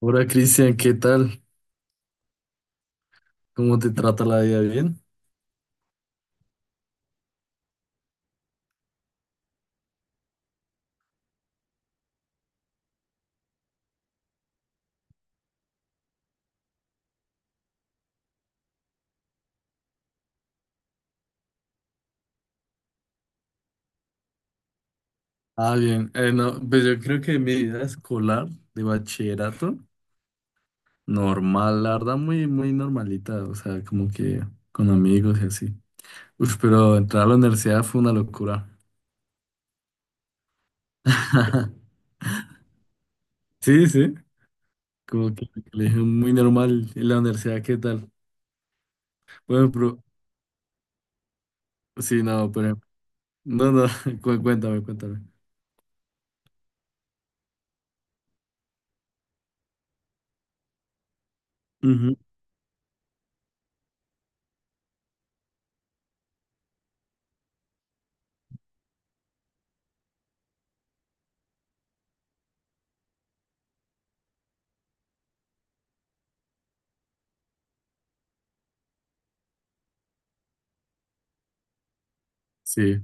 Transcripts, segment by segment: Hola Cristian, ¿qué tal? ¿Cómo te trata la vida? ¿Bien? Ah, bien. No, pues yo creo que mi vida escolar de bachillerato, normal, la verdad, muy normalita. O sea, como que con amigos y así. Uf, pero entrar a la universidad fue una locura. Sí, sí, como que le dije muy normal en la universidad, ¿qué tal? Bueno, pero sí, no, pero no, no, cuéntame, cuéntame. Ujú. Sí,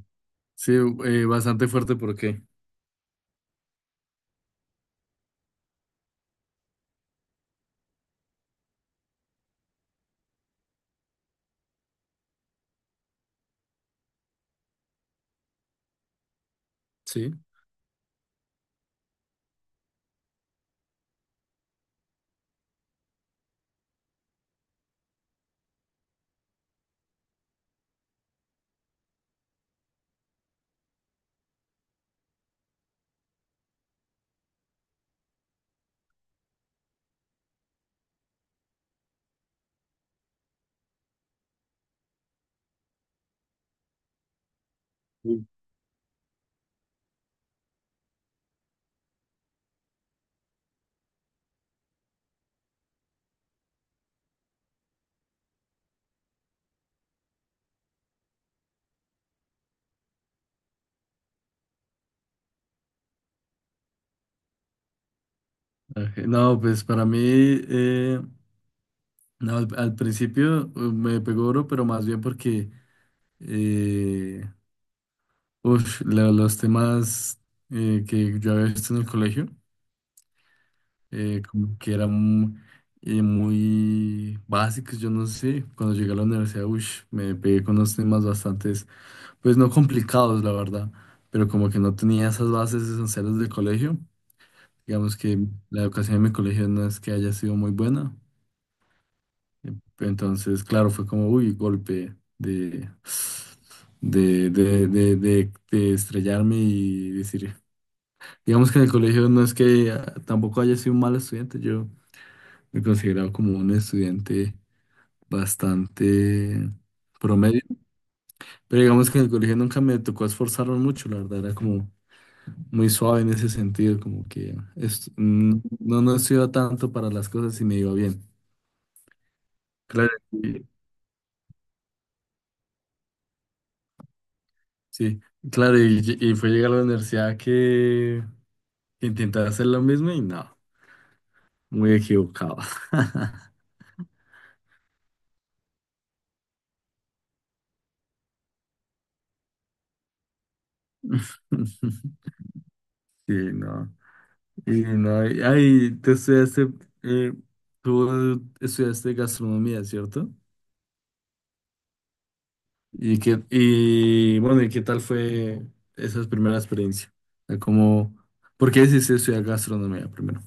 sí, bastante fuerte, ¿por qué? Sí. Sí. Ok, no, pues para mí, eh, no, al principio me pegó oro, pero más bien porque eh, uf, los temas que yo había visto en el colegio. Como que eran muy básicos, yo no sé. Cuando llegué a la universidad, ush, me pegué con unos temas bastantes, pues no complicados, la verdad, pero como que no tenía esas bases esenciales del colegio. Digamos que la educación en mi colegio no es que haya sido muy buena. eh, Entonces, claro, fue como, uy, golpe de estrellarme y decir, digamos que en el colegio no es que ah, tampoco haya sido un mal estudiante, yo me consideraba como un estudiante bastante promedio, pero digamos que en el colegio nunca me tocó esforzarme mucho, la verdad era como muy suave en ese sentido, como que mm, no, no estudiaba tanto para las cosas y me iba bien. Claro, sí, claro, y, y fue llegar a la universidad que intentaba hacer lo mismo y no, muy equivocado. Sí, no. Y no, ay, eh, tú estudiaste gastronomía, ¿cierto? Y qué, y bueno, ¿y qué tal fue esa primera experiencia? O sea, ¿cómo, por qué decidiste estudiar gastronomía primero?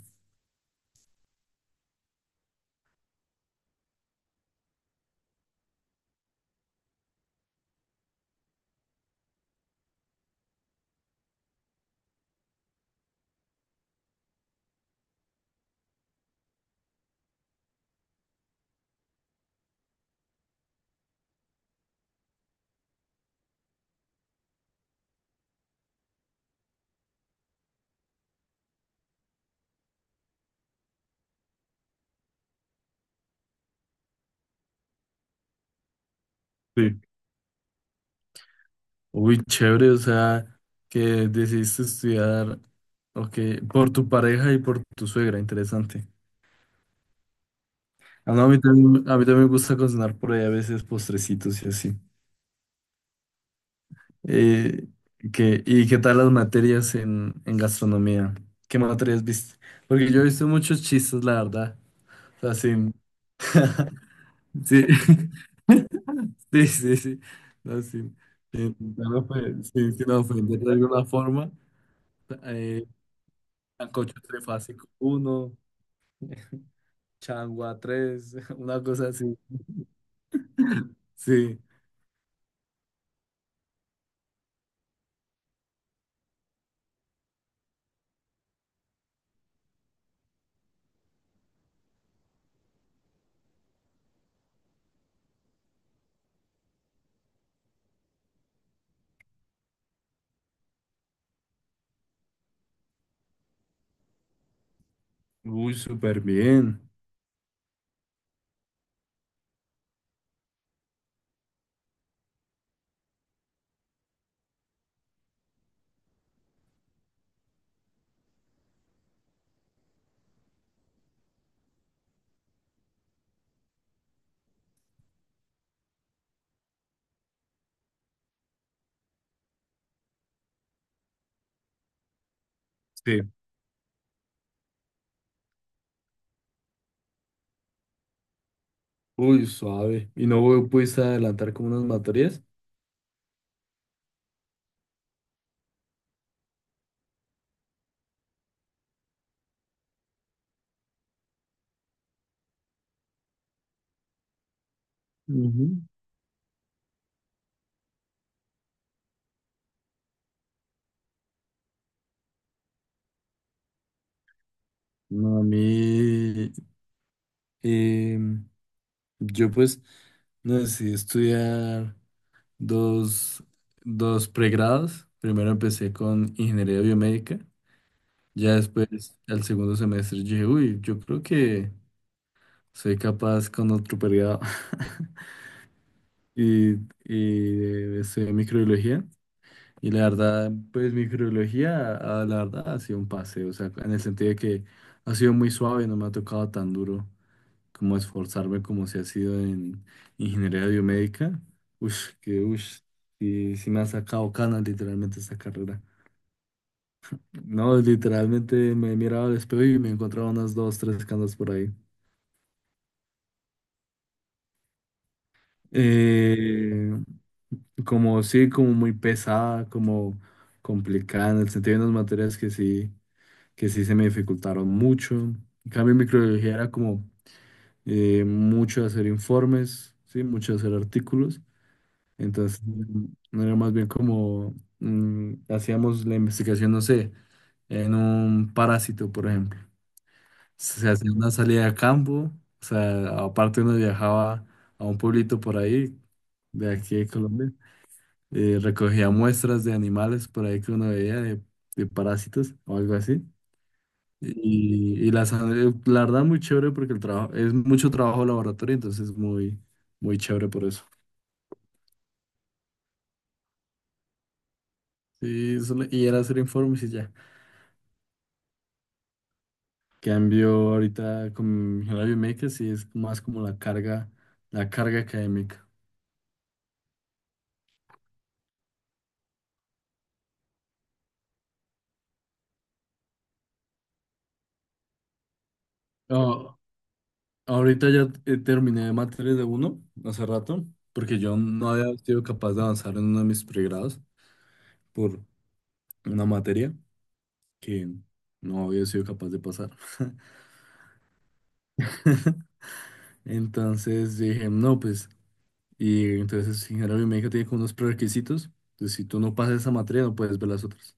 Sí. Uy, chévere, o sea, que decidiste estudiar, ok, por tu pareja y por tu suegra, interesante. Ah, no, a mí también me gusta cocinar por ahí a veces postrecitos y así. Eh, y qué tal las materias en gastronomía? ¿Qué materias viste? Porque yo he visto muchos chistes, la verdad. O sea, sí, sí. Sí, sí, sí. No, sin, sin ofender de alguna forma. Eh, Sancocho trifásico uno, changua tres, una cosa así. Sí. Uy, súper bien. Sí. Uy, suave. ¿Y no pudiste adelantar como unas materias? Ujú. No, a mí, em, yo pues, no decidí estudiar dos, dos pregrados. Primero empecé con ingeniería biomédica. Ya después, al segundo semestre, yo dije, uy, yo creo que soy capaz con otro periodo. Y, y estudié microbiología. Y la verdad, pues microbiología, ah, la verdad, ha sido un paseo, o sea, en el sentido de que ha sido muy suave, no me ha tocado tan duro como esforzarme como se ha sido en ingeniería biomédica. Ush, que ush, y sí me ha sacado canas literalmente esta carrera. No, literalmente me he mirado al espejo y me he encontrado unas dos, tres canas por ahí. Eh, Como sí, como muy pesada, como complicada, en el sentido de unas materias que sí se me dificultaron mucho. En cambio, en microbiología era como mucho hacer informes, sí, mucho hacer artículos. Entonces, mm, era más bien como mm, hacíamos la investigación, no sé, en un parásito, por ejemplo. Se hacía una salida a campo, o sea, aparte uno viajaba a un pueblito por ahí, de aquí de Colombia. Recogía muestras de animales por ahí que uno veía de parásitos o algo así. Y las, la verdad muy chévere porque el trabajo es mucho trabajo de laboratorio, entonces muy, muy chévere por eso. Sí, y era hacer informes y ya. Cambio ahorita con la biomédica, sí es más como la carga académica. Ah, ahorita ya terminé de materias de uno hace rato, porque yo no había sido capaz de avanzar en uno de mis pregrados por una materia. Que no había sido capaz de pasar. Entonces dije, no, pues, y entonces ingeniería biomédica tiene como unos prerequisitos, entonces si tú no pasas esa materia no puedes ver las otras.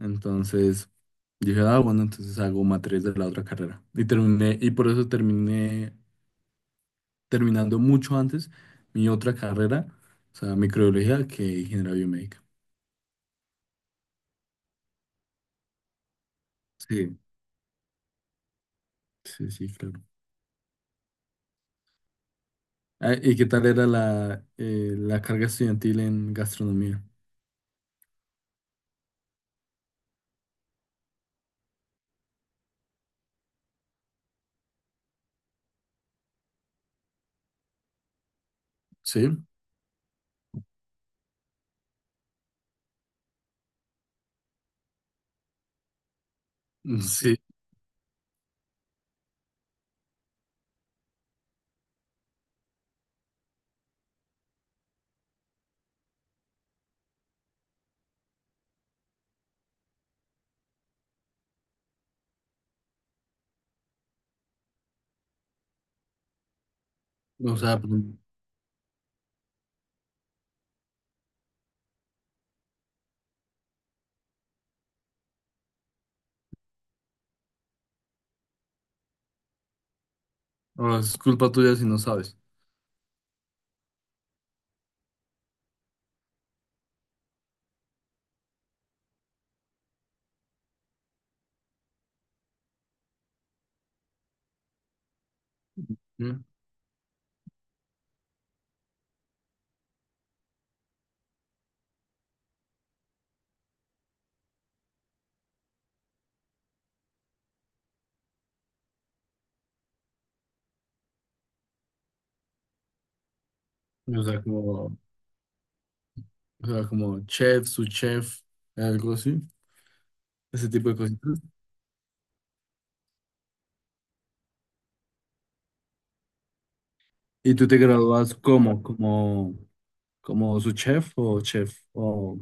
Entonces dije, ah, bueno, entonces hago materias de la otra carrera. Y terminé, y por eso terminé terminando mucho antes mi otra carrera, o sea, microbiología, que ingeniería biomédica. Sí, sí, sí, claro. Ah, ¿y qué tal era la, la carga estudiantil en gastronomía? Sí, sí, o sea, pues, o es culpa tuya si no sabes. ¿No? O sea, como, o sea, como chef, su chef, algo así, ese tipo de cositas. ¿Y tú te gradúas como, como, como su chef o chef? O,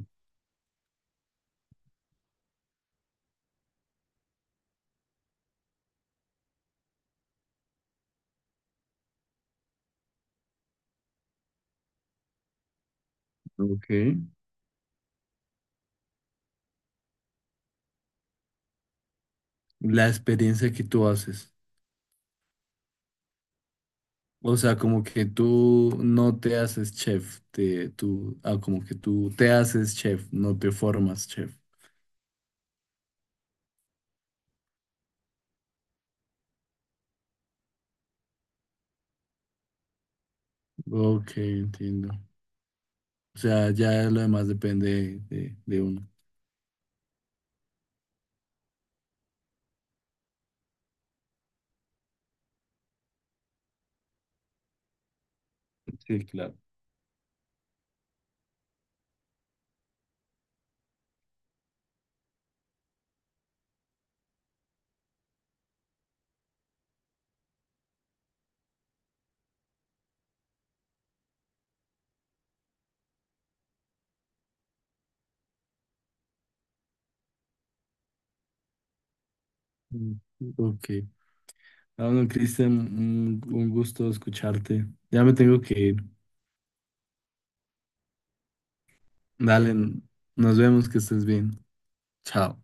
ok. La experiencia que tú haces. O sea, como que tú no te haces chef, te, tú, ah, como que tú te haces chef, no te formas chef. Ok, entiendo. O sea, ya lo demás depende de uno. Sí, claro. Mm, ok. Ah, bueno, Cristian, un gusto escucharte. Ya me tengo que ir. Dale, nos vemos, que estés bien. Chao.